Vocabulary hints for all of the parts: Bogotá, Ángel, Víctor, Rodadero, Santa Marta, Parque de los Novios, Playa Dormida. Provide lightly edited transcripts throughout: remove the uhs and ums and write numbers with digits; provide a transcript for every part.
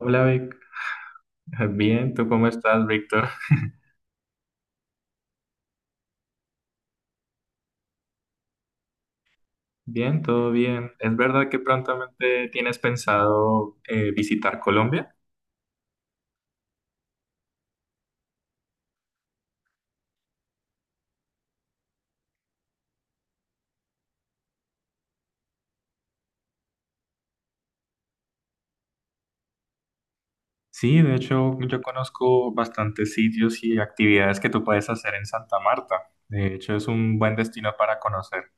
Hola Vic, bien, ¿tú cómo estás, Víctor? Bien, todo bien. ¿Es verdad que prontamente tienes pensado visitar Colombia? Sí, de hecho, yo conozco bastantes sitios y actividades que tú puedes hacer en Santa Marta. De hecho, es un buen destino para conocer.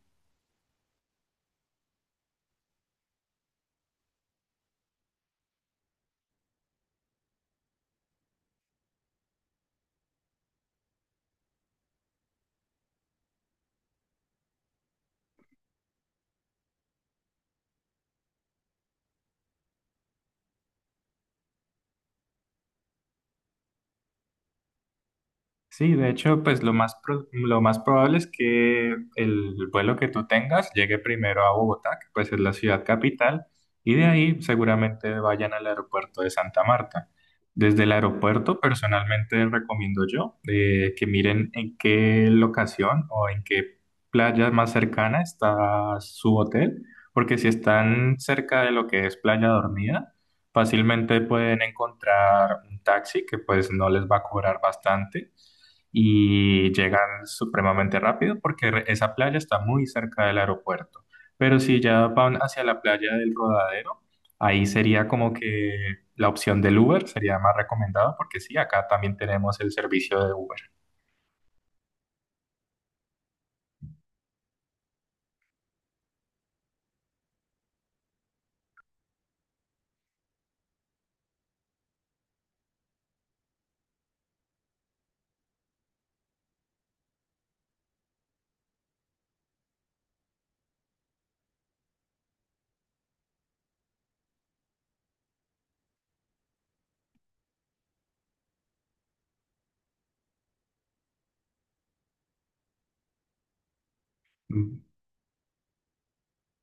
Sí, de hecho, lo más probable es que el vuelo que tú tengas llegue primero a Bogotá, que pues es la ciudad capital, y de ahí seguramente vayan al aeropuerto de Santa Marta. Desde el aeropuerto, personalmente recomiendo yo que miren en qué locación o en qué playa más cercana está su hotel, porque si están cerca de lo que es Playa Dormida, fácilmente pueden encontrar un taxi que pues no les va a cobrar bastante y llegan supremamente rápido porque esa playa está muy cerca del aeropuerto. Pero si ya van hacia la playa del Rodadero, ahí sería como que la opción del Uber sería más recomendada porque sí, acá también tenemos el servicio de Uber.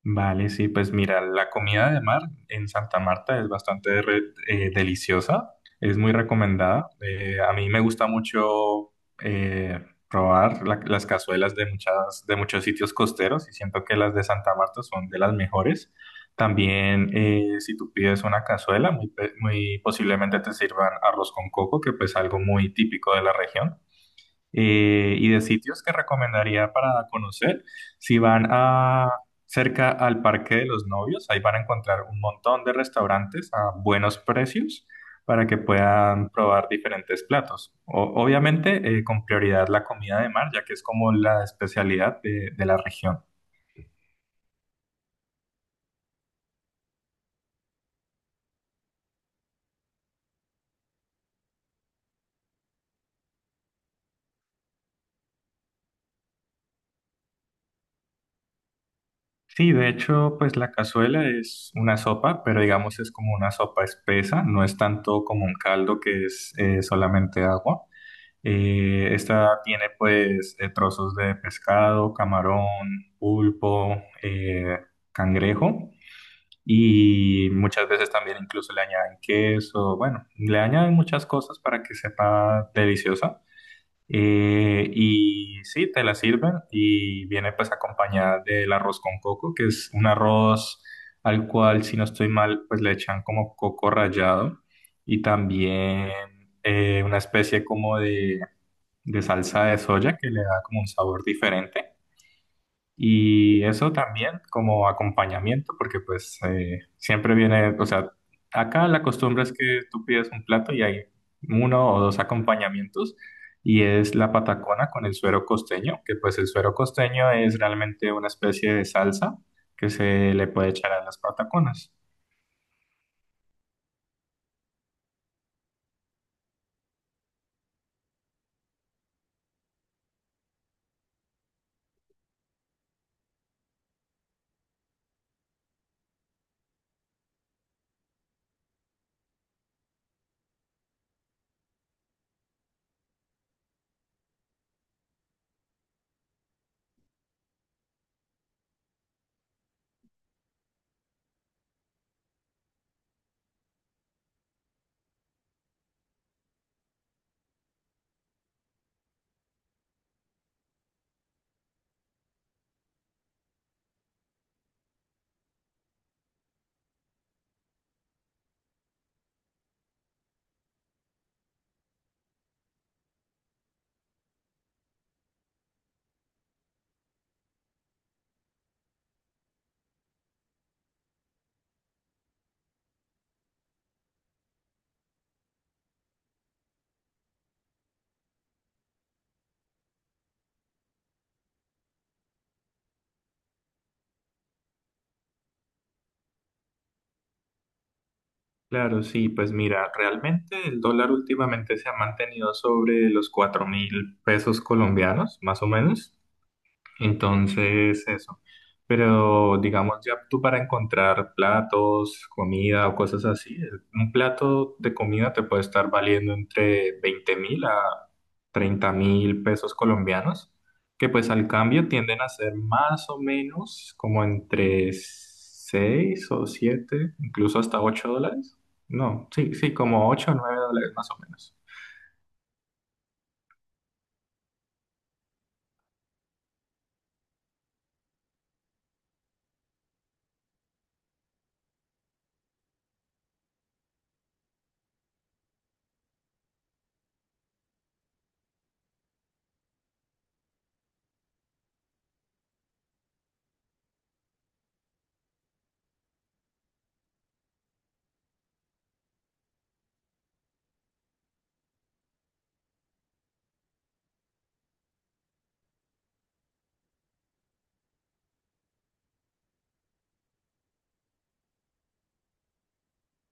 Vale, sí, pues mira, la comida de mar en Santa Marta es bastante deliciosa, es muy recomendada. A mí me gusta mucho eh, probar las cazuelas de de muchos sitios costeros y siento que las de Santa Marta son de las mejores. También, si tú pides una cazuela, muy posiblemente te sirvan arroz con coco, que pues es algo muy típico de la región y de sitios que recomendaría para conocer. Si van a cerca al Parque de los Novios, ahí van a encontrar un montón de restaurantes a buenos precios para que puedan probar diferentes platos. Obviamente, con prioridad la comida de mar, ya que es como la especialidad de la región. Sí, de hecho, pues la cazuela es una sopa, pero digamos es como una sopa espesa, no es tanto como un caldo que es solamente agua. Esta tiene pues trozos de pescado, camarón, pulpo, cangrejo y muchas veces también incluso le añaden queso, bueno, le añaden muchas cosas para que sepa deliciosa. Y sí, te la sirven y viene pues acompañada del arroz con coco, que es un arroz al cual si no estoy mal pues le echan como coco rallado y también una especie como de salsa de soya que le da como un sabor diferente. Y eso también como acompañamiento, porque pues siempre viene, o sea, acá la costumbre es que tú pides un plato y hay uno o dos acompañamientos, y es la patacona con el suero costeño, que pues el suero costeño es realmente una especie de salsa que se le puede echar a las pataconas. Claro, sí, pues mira, realmente el dólar últimamente se ha mantenido sobre los 4.000 pesos colombianos, más o menos. Entonces, eso. Pero digamos, ya tú para encontrar platos, comida o cosas así, un plato de comida te puede estar valiendo entre 20.000 a 30.000 pesos colombianos, que pues al cambio tienden a ser más o menos como entre 6 o 7, incluso hasta 8 dólares. No, sí, sí, como 8 o 9 dólares más o menos.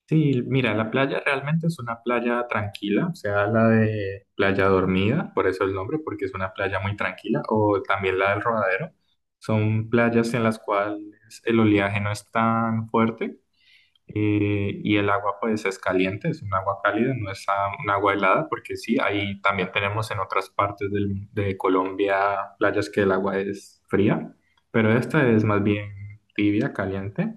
Sí, mira, la playa realmente es una playa tranquila, o sea, la de Playa Dormida, por eso el nombre, porque es una playa muy tranquila, o también la del Rodadero. Son playas en las cuales el oleaje no es tan fuerte y el agua pues es caliente, es un agua cálida, no es un agua helada, porque sí, ahí también tenemos en otras partes de Colombia playas que el agua es fría, pero esta es más bien tibia, caliente.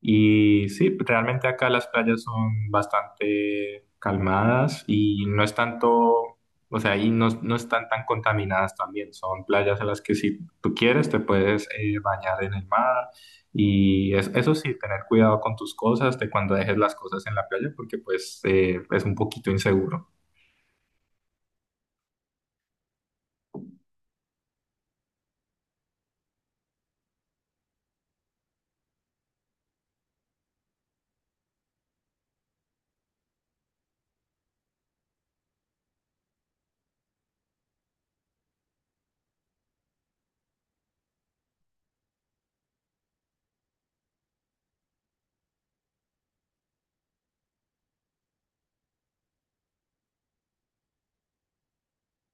Y sí, pues, realmente acá las playas son bastante calmadas y no es tanto, o sea, ahí no están tan contaminadas también. Son playas a las que si tú quieres te puedes bañar en el mar y eso sí, tener cuidado con tus cosas de cuando dejes las cosas en la playa porque pues es un poquito inseguro.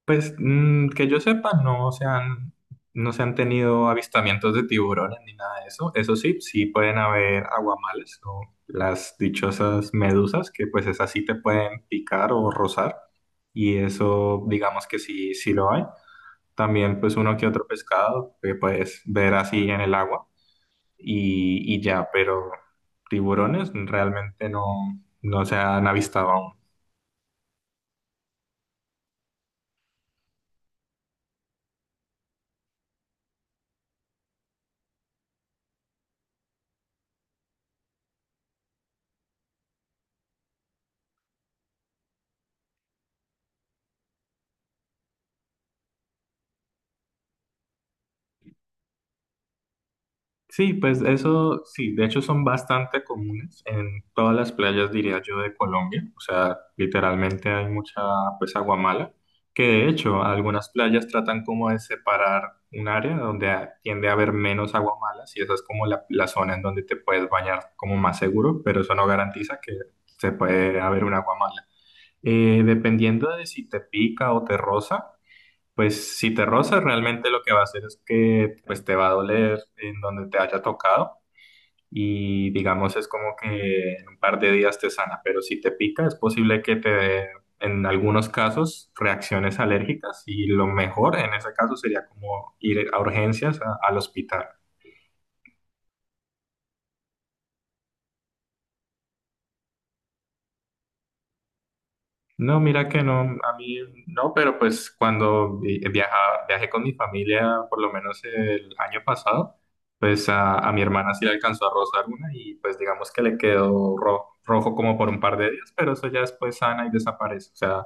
Pues mm, que yo sepa, no se han, no se han tenido avistamientos de tiburones ni nada de eso. Eso sí, sí pueden haber aguamales o las dichosas medusas, que pues esas sí te pueden picar o rozar. Y eso, digamos que sí, sí lo hay. También pues uno que otro pescado que puedes ver así en el agua y ya, pero tiburones realmente no se han avistado aún. Sí, pues eso sí, de hecho son bastante comunes en todas las playas, diría yo, de Colombia. O sea, literalmente hay mucha, pues, agua mala, que de hecho algunas playas tratan como de separar un área donde tiende a haber menos agua mala, y esa es como la zona en donde te puedes bañar como más seguro, pero eso no garantiza que se puede haber un agua mala. Dependiendo de si te pica o te roza. Pues si te rozas, realmente lo que va a hacer es que pues te va a doler en donde te haya tocado y digamos es como que en un par de días te sana, pero si te pica es posible que te dé en algunos casos reacciones alérgicas y lo mejor en ese caso sería como ir a urgencias al hospital. No, mira que no, a mí no, pero pues cuando viajé con mi familia, por lo menos el año pasado, pues a mi hermana sí le alcanzó a rozar una y pues digamos que le quedó rojo como por un par de días, pero eso ya después sana y desaparece. O sea,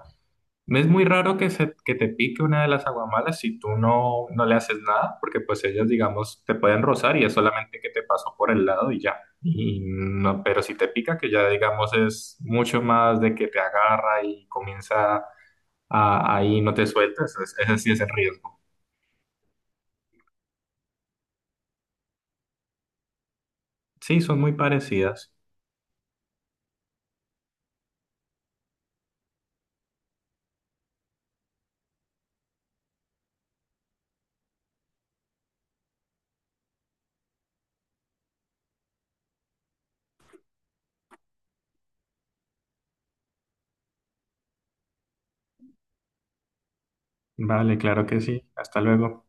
no es muy raro que te pique una de las aguamalas si tú no le haces nada, porque pues ellas, digamos, te pueden rozar y es solamente que te pasó por el lado y ya. Y no, pero si te pica, que ya digamos es mucho más de que te agarra y comienza ahí no te sueltas, ese sí es el riesgo. Sí, son muy parecidas. Vale, claro que sí. Hasta luego.